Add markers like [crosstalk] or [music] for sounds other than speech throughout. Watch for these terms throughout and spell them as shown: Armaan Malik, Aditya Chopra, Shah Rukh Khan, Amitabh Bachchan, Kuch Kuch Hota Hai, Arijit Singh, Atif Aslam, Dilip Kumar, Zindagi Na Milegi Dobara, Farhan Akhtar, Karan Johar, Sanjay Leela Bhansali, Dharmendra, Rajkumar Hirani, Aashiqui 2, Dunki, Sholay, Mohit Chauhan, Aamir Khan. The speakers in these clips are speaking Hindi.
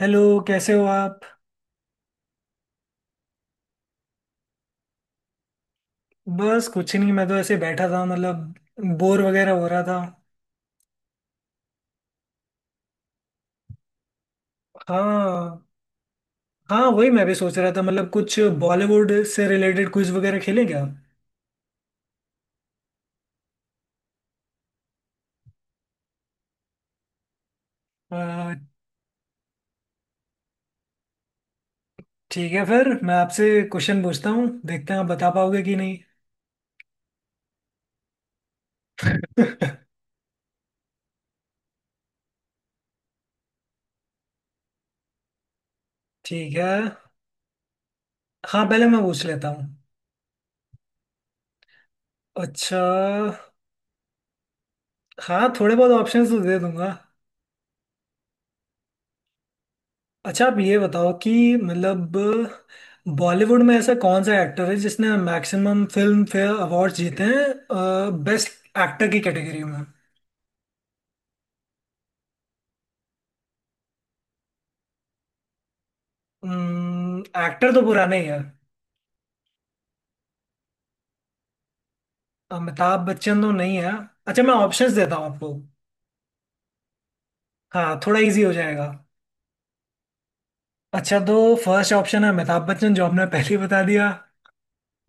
हेलो। कैसे हो आप। बस कुछ नहीं, मैं तो ऐसे बैठा था मतलब बोर वगैरह हो रहा था। हाँ, हाँ वही मैं भी सोच रहा था, मतलब कुछ बॉलीवुड से रिलेटेड क्विज वगैरह खेलें क्या। अ, ठीक है, फिर मैं आपसे क्वेश्चन पूछता हूँ, देखते हैं आप बता पाओगे कि नहीं। [laughs] ठीक है। हाँ पहले मैं पूछ लेता हूँ। अच्छा, हाँ थोड़े बहुत ऑप्शंस तो दे दूंगा। अच्छा आप ये बताओ कि मतलब बॉलीवुड में ऐसा कौन सा एक्टर है जिसने मैक्सिमम फिल्म फेयर अवार्ड्स जीते हैं बेस्ट एक्टर की कैटेगरी में। एक्टर तो पुराने ही है। अमिताभ बच्चन तो नहीं है। अच्छा मैं ऑप्शंस देता हूँ आपको। हाँ थोड़ा इजी हो जाएगा। अच्छा तो फर्स्ट ऑप्शन है अमिताभ बच्चन, जो आपने पहले ही बता दिया,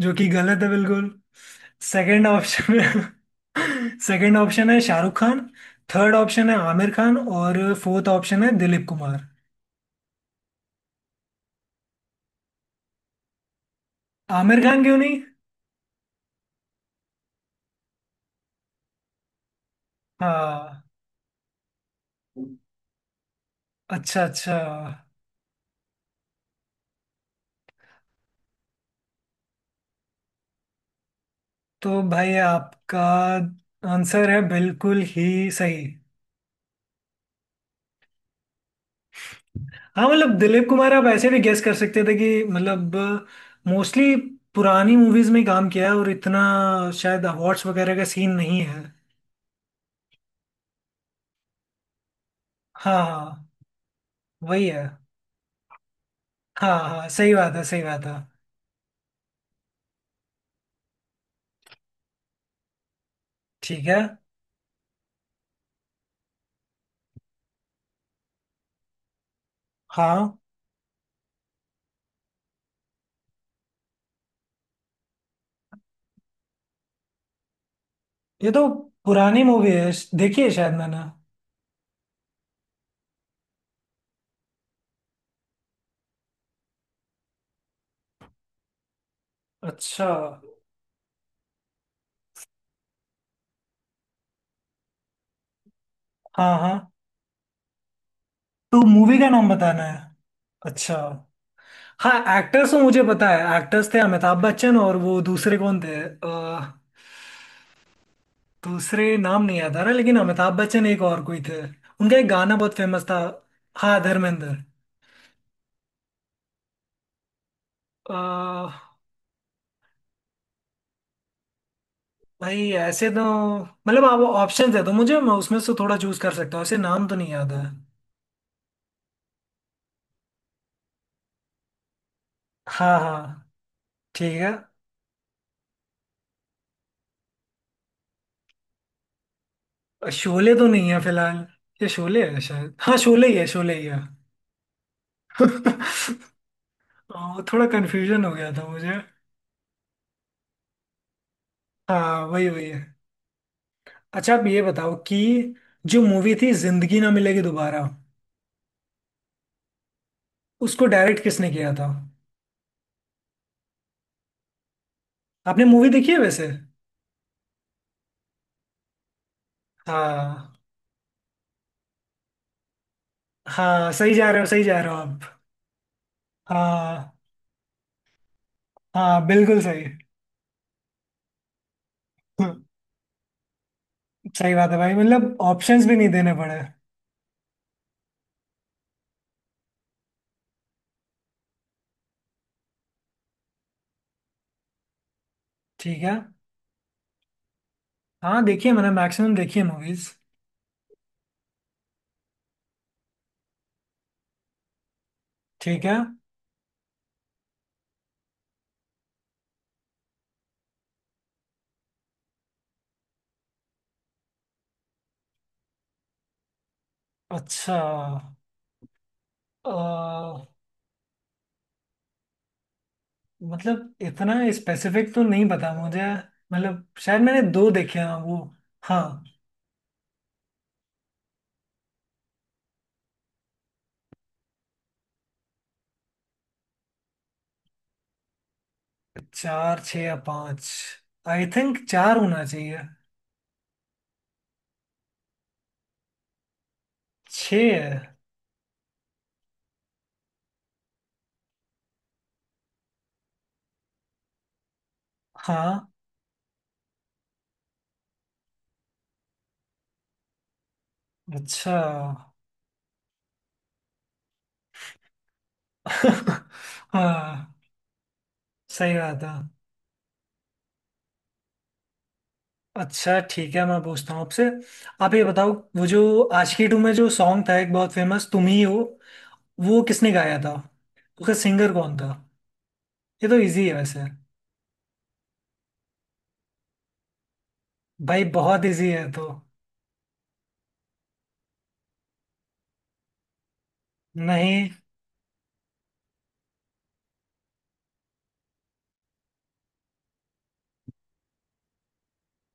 जो कि गलत है बिल्कुल। सेकंड ऑप्शन है। [laughs] सेकंड ऑप्शन है शाहरुख खान। थर्ड ऑप्शन है आमिर खान और फोर्थ ऑप्शन है दिलीप कुमार। आमिर खान क्यों नहीं। हाँ। अच्छा अच्छा तो भाई आपका आंसर है बिल्कुल ही सही। हाँ मतलब दिलीप कुमार आप ऐसे भी गेस कर सकते थे कि मतलब मोस्टली पुरानी मूवीज में काम किया है और इतना शायद अवार्ड्स वगैरह का सीन नहीं है। हाँ हाँ वही है। हाँ हाँ सही बात है, सही बात है। ठीक है। हाँ ये तो पुरानी मूवी है, देखी है शायद मैंने। अच्छा। हाँ हाँ तो मूवी का नाम बताना है। अच्छा। हाँ एक्टर्स तो मुझे पता है, एक्टर्स थे अमिताभ बच्चन और वो दूसरे कौन थे दूसरे नाम नहीं याद आ रहा, लेकिन अमिताभ बच्चन एक और कोई थे, उनका एक गाना बहुत फेमस था। हाँ धर्मेंद्र। अ, भाई ऐसे तो मतलब आप ऑप्शन दे दो मुझे, मैं उसमें से थोड़ा चूज कर सकता हूँ, ऐसे नाम तो नहीं याद है। हाँ हाँ ठीक है। शोले तो नहीं है फिलहाल, ये शोले है शायद, हाँ शोले ही है, शोले ही है। वो थोड़ा कन्फ्यूजन हो गया था मुझे। हाँ वही वही है। अच्छा आप ये बताओ कि जो मूवी थी जिंदगी ना मिलेगी दोबारा, उसको डायरेक्ट किसने किया था। आपने मूवी देखी है वैसे। हाँ, हाँ सही जा रहे हो, सही जा रहे हो आप। हाँ। हाँ बिल्कुल सही। हम्म, सही बात है भाई, मतलब ऑप्शंस भी नहीं देने पड़े। ठीक है। हाँ देखिए मैंने मैक्सिमम देखी है मूवीज। ठीक है। अच्छा। अ, मतलब इतना स्पेसिफिक तो नहीं पता मुझे, मतलब शायद मैंने दो देखे हैं वो। हाँ। चार छः या पाँच। आई थिंक चार होना चाहिए। छः है। हाँ। अच्छा। [laughs] हाँ सही बात है। अच्छा ठीक है मैं पूछता हूँ आपसे। आप ये बताओ वो जो आशिकी टू में जो सॉन्ग था एक बहुत फेमस तुम ही हो, वो किसने गाया था। उसका सिंगर कौन था। ये तो इजी है वैसे। भाई बहुत इजी है तो। नहीं।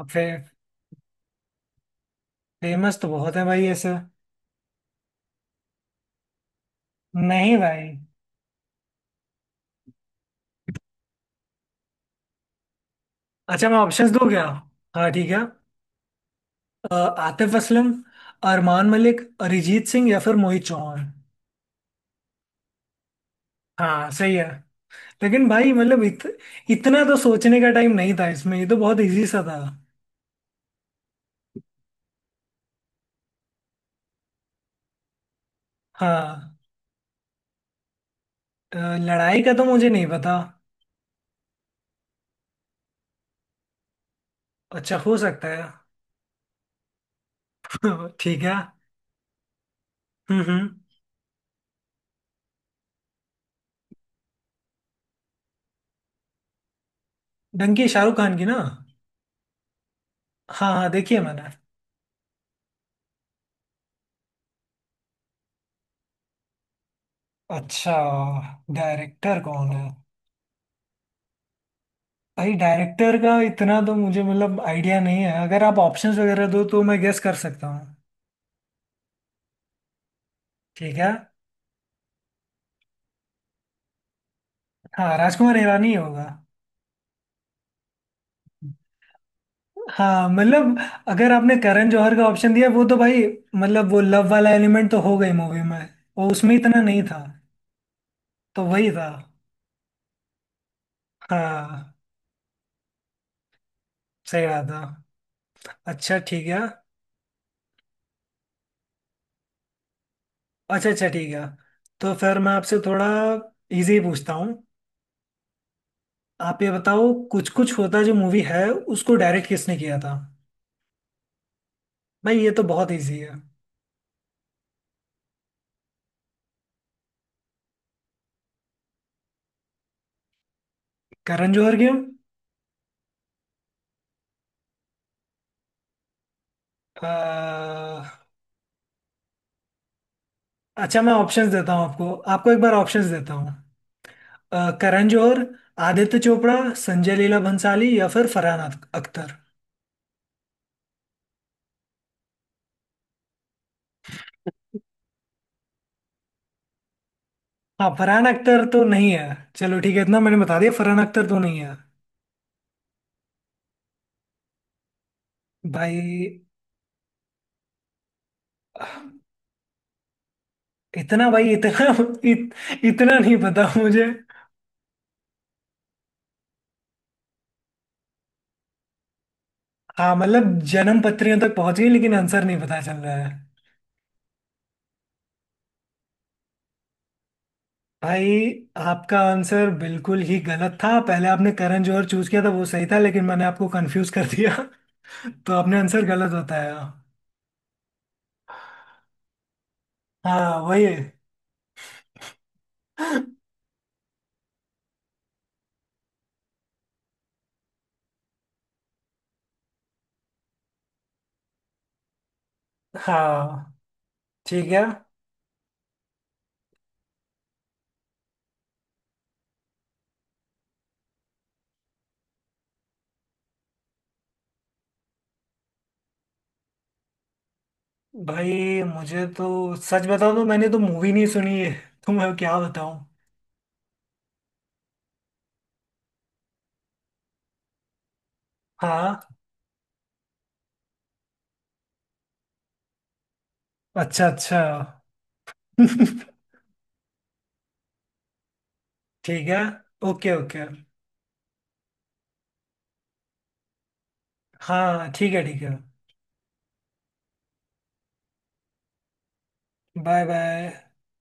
अब फे, फेमस तो बहुत है भाई ऐसे। नहीं भाई। अच्छा मैं ऑप्शंस दूँ क्या। हाँ ठीक है। अ, आतिफ असलम, अरमान मलिक, अरिजीत सिंह या फिर मोहित चौहान। हाँ सही है। लेकिन भाई मतलब इत, इतना तो सोचने का टाइम नहीं था इसमें, ये तो बहुत इजी सा था। हाँ। लड़ाई का तो मुझे नहीं पता। अच्छा हो सकता है। [laughs] ठीक है। हम्म। डंकी शाहरुख खान की ना। हाँ हाँ देखी है मैंने। अच्छा डायरेक्टर कौन है। भाई डायरेक्टर का इतना तो मुझे मतलब आइडिया नहीं है, अगर आप ऑप्शंस वगैरह दो तो मैं गेस कर सकता हूँ। ठीक है। हाँ राजकुमार ईरानी होगा। हाँ मतलब अगर आपने करण जौहर का ऑप्शन दिया वो तो भाई मतलब वो लव वाला एलिमेंट तो हो गई मूवी में, वो उसमें इतना नहीं था, तो वही था। हाँ सही रहा था। अच्छा ठीक है। अच्छा अच्छा ठीक है। तो फिर मैं आपसे थोड़ा इजी पूछता हूँ। आप ये बताओ कुछ कुछ होता जो मूवी है, उसको डायरेक्ट किसने किया था। भाई ये तो बहुत इजी है। करण जौहर क्यों। अ, अच्छा मैं ऑप्शंस देता हूँ आपको, आपको एक बार ऑप्शंस देता हूँ। करण जौहर, आदित्य चोपड़ा, संजय लीला भंसाली या फिर अख्तर। हाँ फरहान अख्तर तो नहीं है। चलो ठीक है, इतना मैंने बता दिया फरहान अख्तर तो नहीं है। भाई इतना भाई इतना इत, इतना नहीं पता मुझे। हाँ मतलब जन्म पत्रियों तक पहुंच गई लेकिन आंसर नहीं पता चल रहा है। भाई आपका आंसर बिल्कुल ही गलत था, पहले आपने करण जौहर चूज किया था वो सही था, लेकिन मैंने आपको कंफ्यूज कर दिया। [laughs] तो आपने आंसर गलत बताया। हाँ वही है। हाँ ठीक है। भाई मुझे तो सच बताऊं तो मैंने तो मूवी नहीं सुनी है। [laughs] तो मैं क्या बताऊं। हाँ अच्छा अच्छा। [laughs] ठीक है। Okay okay. हाँ ठीक है ठीक है। Bye bye.